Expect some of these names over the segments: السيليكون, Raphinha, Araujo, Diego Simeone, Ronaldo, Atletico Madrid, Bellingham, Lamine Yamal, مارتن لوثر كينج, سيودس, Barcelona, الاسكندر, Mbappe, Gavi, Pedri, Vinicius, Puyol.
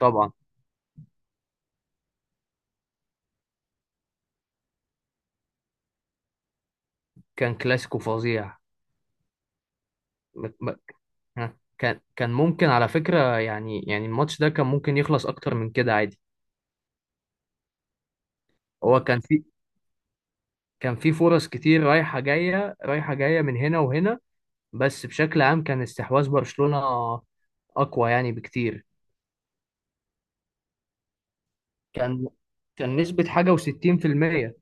طبعا، كان كلاسيكو فظيع. م- م- ها، كان ممكن على فكرة، يعني الماتش ده كان ممكن يخلص أكتر من كده عادي. هو كان في فرص كتير، رايحة جاية رايحة جاية من هنا وهنا. بس بشكل عام كان استحواذ برشلونة أقوى يعني بكتير. كان كان نسبة حاجة وستين في المية.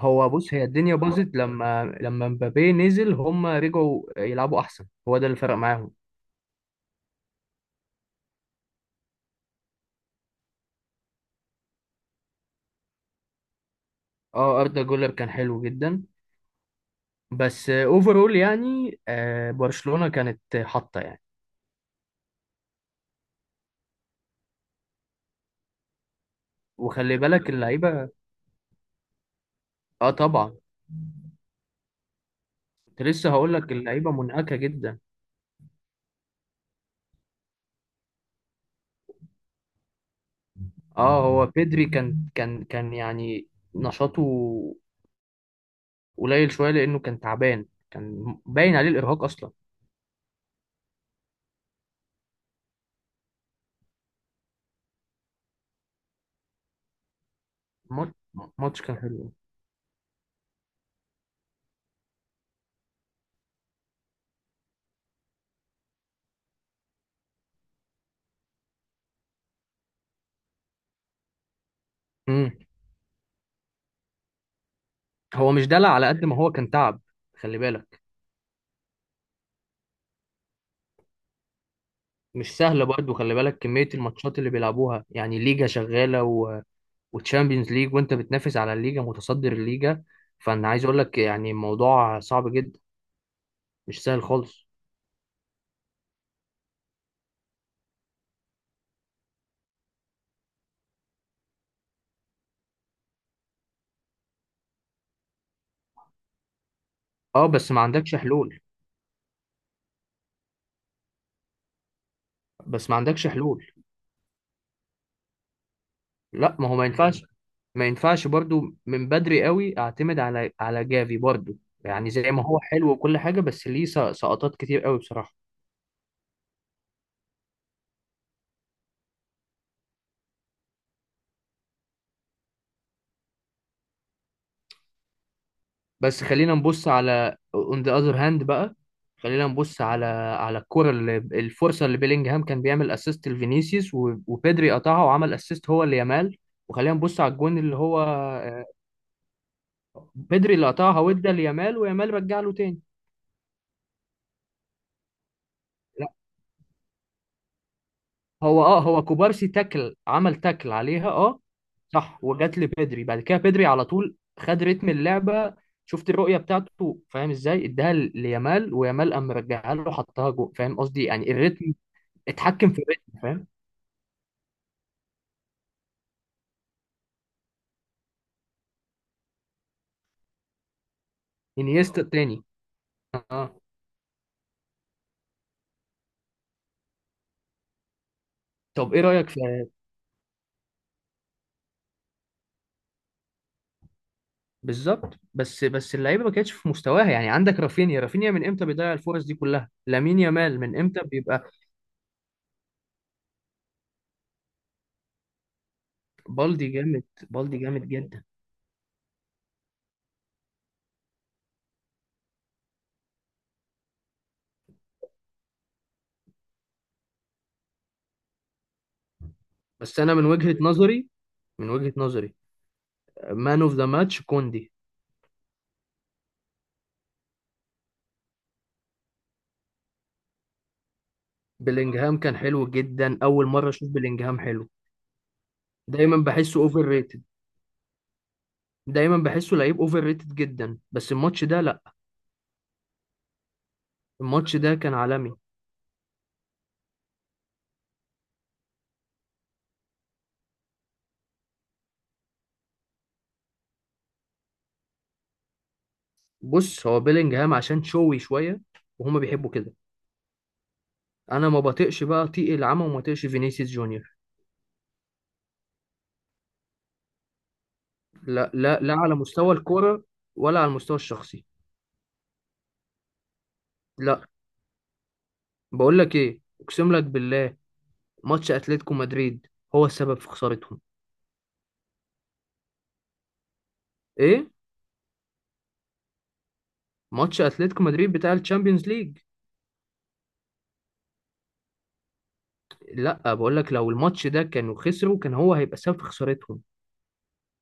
هو بص، هي الدنيا باظت لما مبابي نزل، هم رجعوا يلعبوا أحسن، هو ده اللي فرق معاهم. اه، أردا جولر كان حلو جدا. بس اوفرول يعني، برشلونة كانت حاطة يعني. وخلي بالك اللعيبة. اه طبعا، كنت لسه هقول لك اللعيبة منهكة جدا. اه، هو بيدري كان يعني نشاطه قليل شوية، لأنه كان تعبان، كان باين عليه الإرهاق أصلا. ماتش ماتش كان حلو. امم. هو مش دلع على قد ما هو كان تعب، خلي بالك. مش سهلة برضه، خلي بالك كمية الماتشات اللي بيلعبوها، يعني ليجا شغالة وتشامبيونز ليج، وانت بتنافس على الليجا، متصدر الليجا. فانا عايز اقول لك يعني الموضوع صعب جدا، مش سهل خالص. اه، بس ما عندكش حلول. بس ما عندكش حلول. لا، ما هو ما ينفعش. ما ينفعش برضو من بدري قوي اعتمد على جافي برضو. يعني زي ما هو حلو وكل حاجة، بس ليه سقطات كتير قوي بصراحة. بس خلينا نبص على اون ذا اذر هاند بقى. خلينا نبص على الكرة اللي الفرصة اللي بيلينجهام كان بيعمل اسيست لفينيسيوس، وبيدري قطعها وعمل اسيست هو ليامال. وخلينا نبص على الجون اللي هو بيدري اللي قطعها وادى ليامال، ويامال رجع له تاني. لا، هو كوبارسي، عمل تاكل عليها، اه. صح، وجات لبيدري، بعد كده بيدري على طول خد رتم اللعبة. شفت الرؤية بتاعته، فاهم ازاي؟ اداها ليامال، ويامال قام رجعها له، حطها جوه، فاهم قصدي؟ يعني الريتم. اتحكم في الريتم، فاهم؟ انيستا التاني. اه. طب ايه رايك في؟ بالظبط. بس اللعيبه ما كانتش في مستواها. يعني عندك رافينيا، رافينيا من امتى بيضيع الفرص دي كلها؟ لامين يامال من امتى بيبقى؟ بالدي جامد. بالدي جامد جدا. بس انا من وجهه نظري. من وجهه نظري، مان اوف ذا ماتش كوندي. بلينجهام كان حلو جدا، اول مره اشوف بلينجهام حلو. دايما بحسه اوفر ريتد. دايما بحسه لعيب اوفر ريتد جدا، بس الماتش ده لا. الماتش ده كان عالمي. بص، هو بيلينجهام عشان شوي شويه، وهما بيحبوا كده. انا ما بطيقش بقى طيق العمى، وما بطيقش فينيسيوس جونيور. لا لا لا، على مستوى الكوره. ولا على المستوى الشخصي. لا، بقول لك ايه، اقسم لك بالله، ماتش اتلتيكو مدريد هو السبب في خسارتهم. ايه. ماتش اتلتيكو مدريد بتاع الشامبيونز ليج. لا، بقول لك لو الماتش ده كانوا خسروا، كان هو هيبقى سبب في خسارتهم.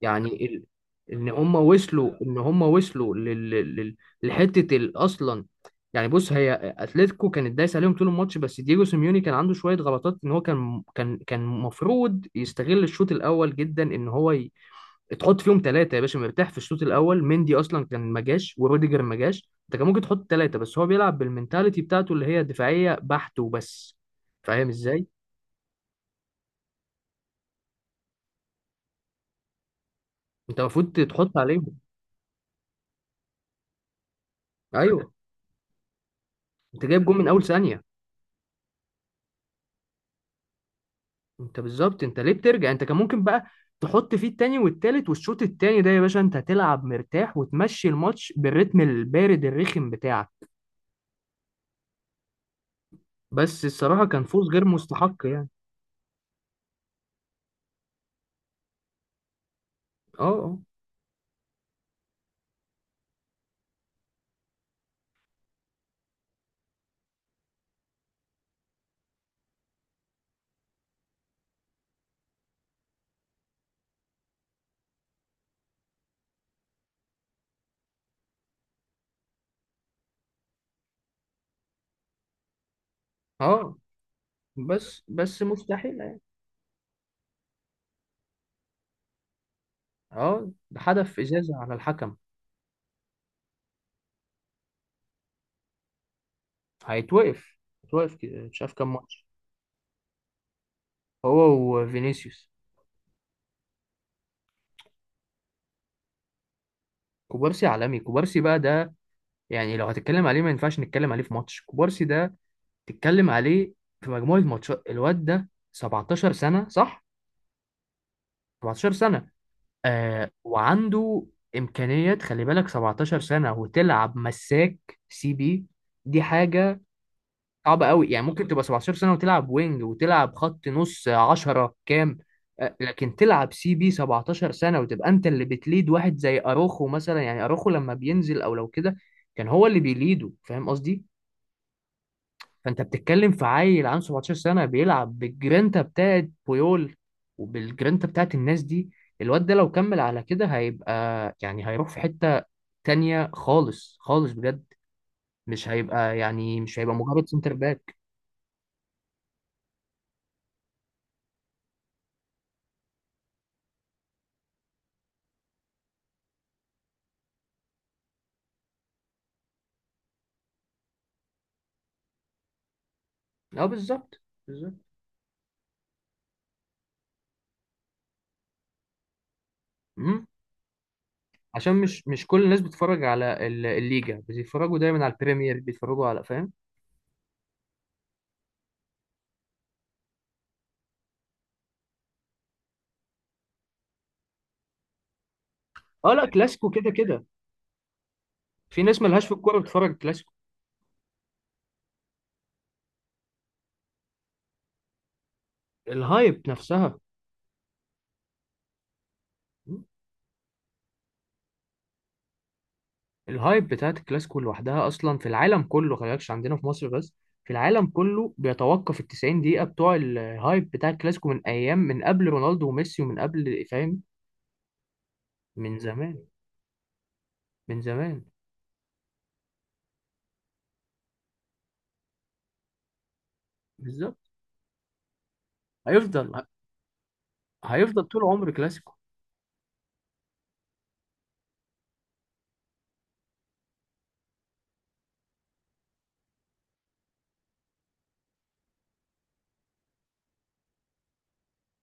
يعني ال... ان هم وصلوا لل... لحته اصلا. يعني بص، هي اتلتيكو كانت دايسه عليهم طول الماتش، بس دييجو سيميوني كان عنده شويه غلطات. ان هو كان المفروض يستغل الشوط الاول جدا، ان هو تحط فيهم ثلاثه يا باشا، مرتاح في الشوط الاول. مندي اصلا كان ما جاش، وروديجر ما جاش، انت كان ممكن تحط ثلاثه. بس هو بيلعب بالمنتاليتي بتاعته اللي هي دفاعيه بحت وبس، فاهم ازاي؟ انت المفروض تحط عليهم. ايوه. انت جايب جون من اول ثانيه، انت بالظبط، انت ليه بترجع؟ انت كان ممكن بقى تحط فيه التاني والتالت، والشوط التاني ده يا باشا انت هتلعب مرتاح، وتمشي الماتش بالريتم البارد الرخم بتاعك. بس الصراحة كان فوز غير مستحق يعني. اه، اه، اه. بس مستحيل يعني. اه، ده حدف ازازة على الحكم. هيتوقف هيتوقف كده مش عارف كام ماتش. هو وفينيسيوس. كوبارسي عالمي. كوبارسي بقى ده، يعني لو هتتكلم عليه ما ينفعش نتكلم عليه في ماتش كوبارسي ده. تتكلم عليه في مجموعة ماتشات. الواد ده 17 سنة، صح؟ 17 سنة. آه، وعنده إمكانيات. خلي بالك، 17 سنة وتلعب مساك سي بي، دي حاجة صعبة قوي. يعني ممكن تبقى 17 سنة وتلعب وينج، وتلعب خط نص 10 كام، لكن تلعب سي بي 17 سنة وتبقى أنت اللي بتليد واحد زي أروخو مثلا. يعني أروخو لما بينزل أو لو كده، كان هو اللي بيليده، فاهم قصدي؟ فانت بتتكلم في عيل عنده 17 سنه بيلعب بالجرينتا بتاعت بويول، وبالجرينتا بتاعت الناس دي. الواد ده لو كمل على كده هيبقى، يعني هيروح في حته تانية خالص خالص بجد. مش هيبقى مجرد سنتر باك. اه، بالظبط، بالظبط. امم. عشان مش كل الناس بتتفرج على الليجا، بيتفرجوا دايما على البريمير، بيتفرجوا على، فاهم؟ اه لا، كلاسيكو كده كده. في ناس ملهاش في الكوره بتتفرج كلاسيكو. الهايب نفسها الهايب بتاعت الكلاسيكو لوحدها اصلا في العالم كله، خلي بالك، مش عندنا في مصر بس، في العالم كله بيتوقف ال 90 دقيقة بتوع الهايب بتاع الكلاسيكو، من ايام من قبل رونالدو وميسي، ومن قبل، فاهم؟ من زمان، من زمان. بالظبط. هيفضل هيفضل طول عمر كلاسيكو.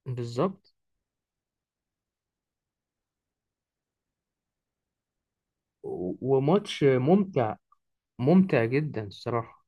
بالظبط. وماتش ممتع. ممتع جدا الصراحة.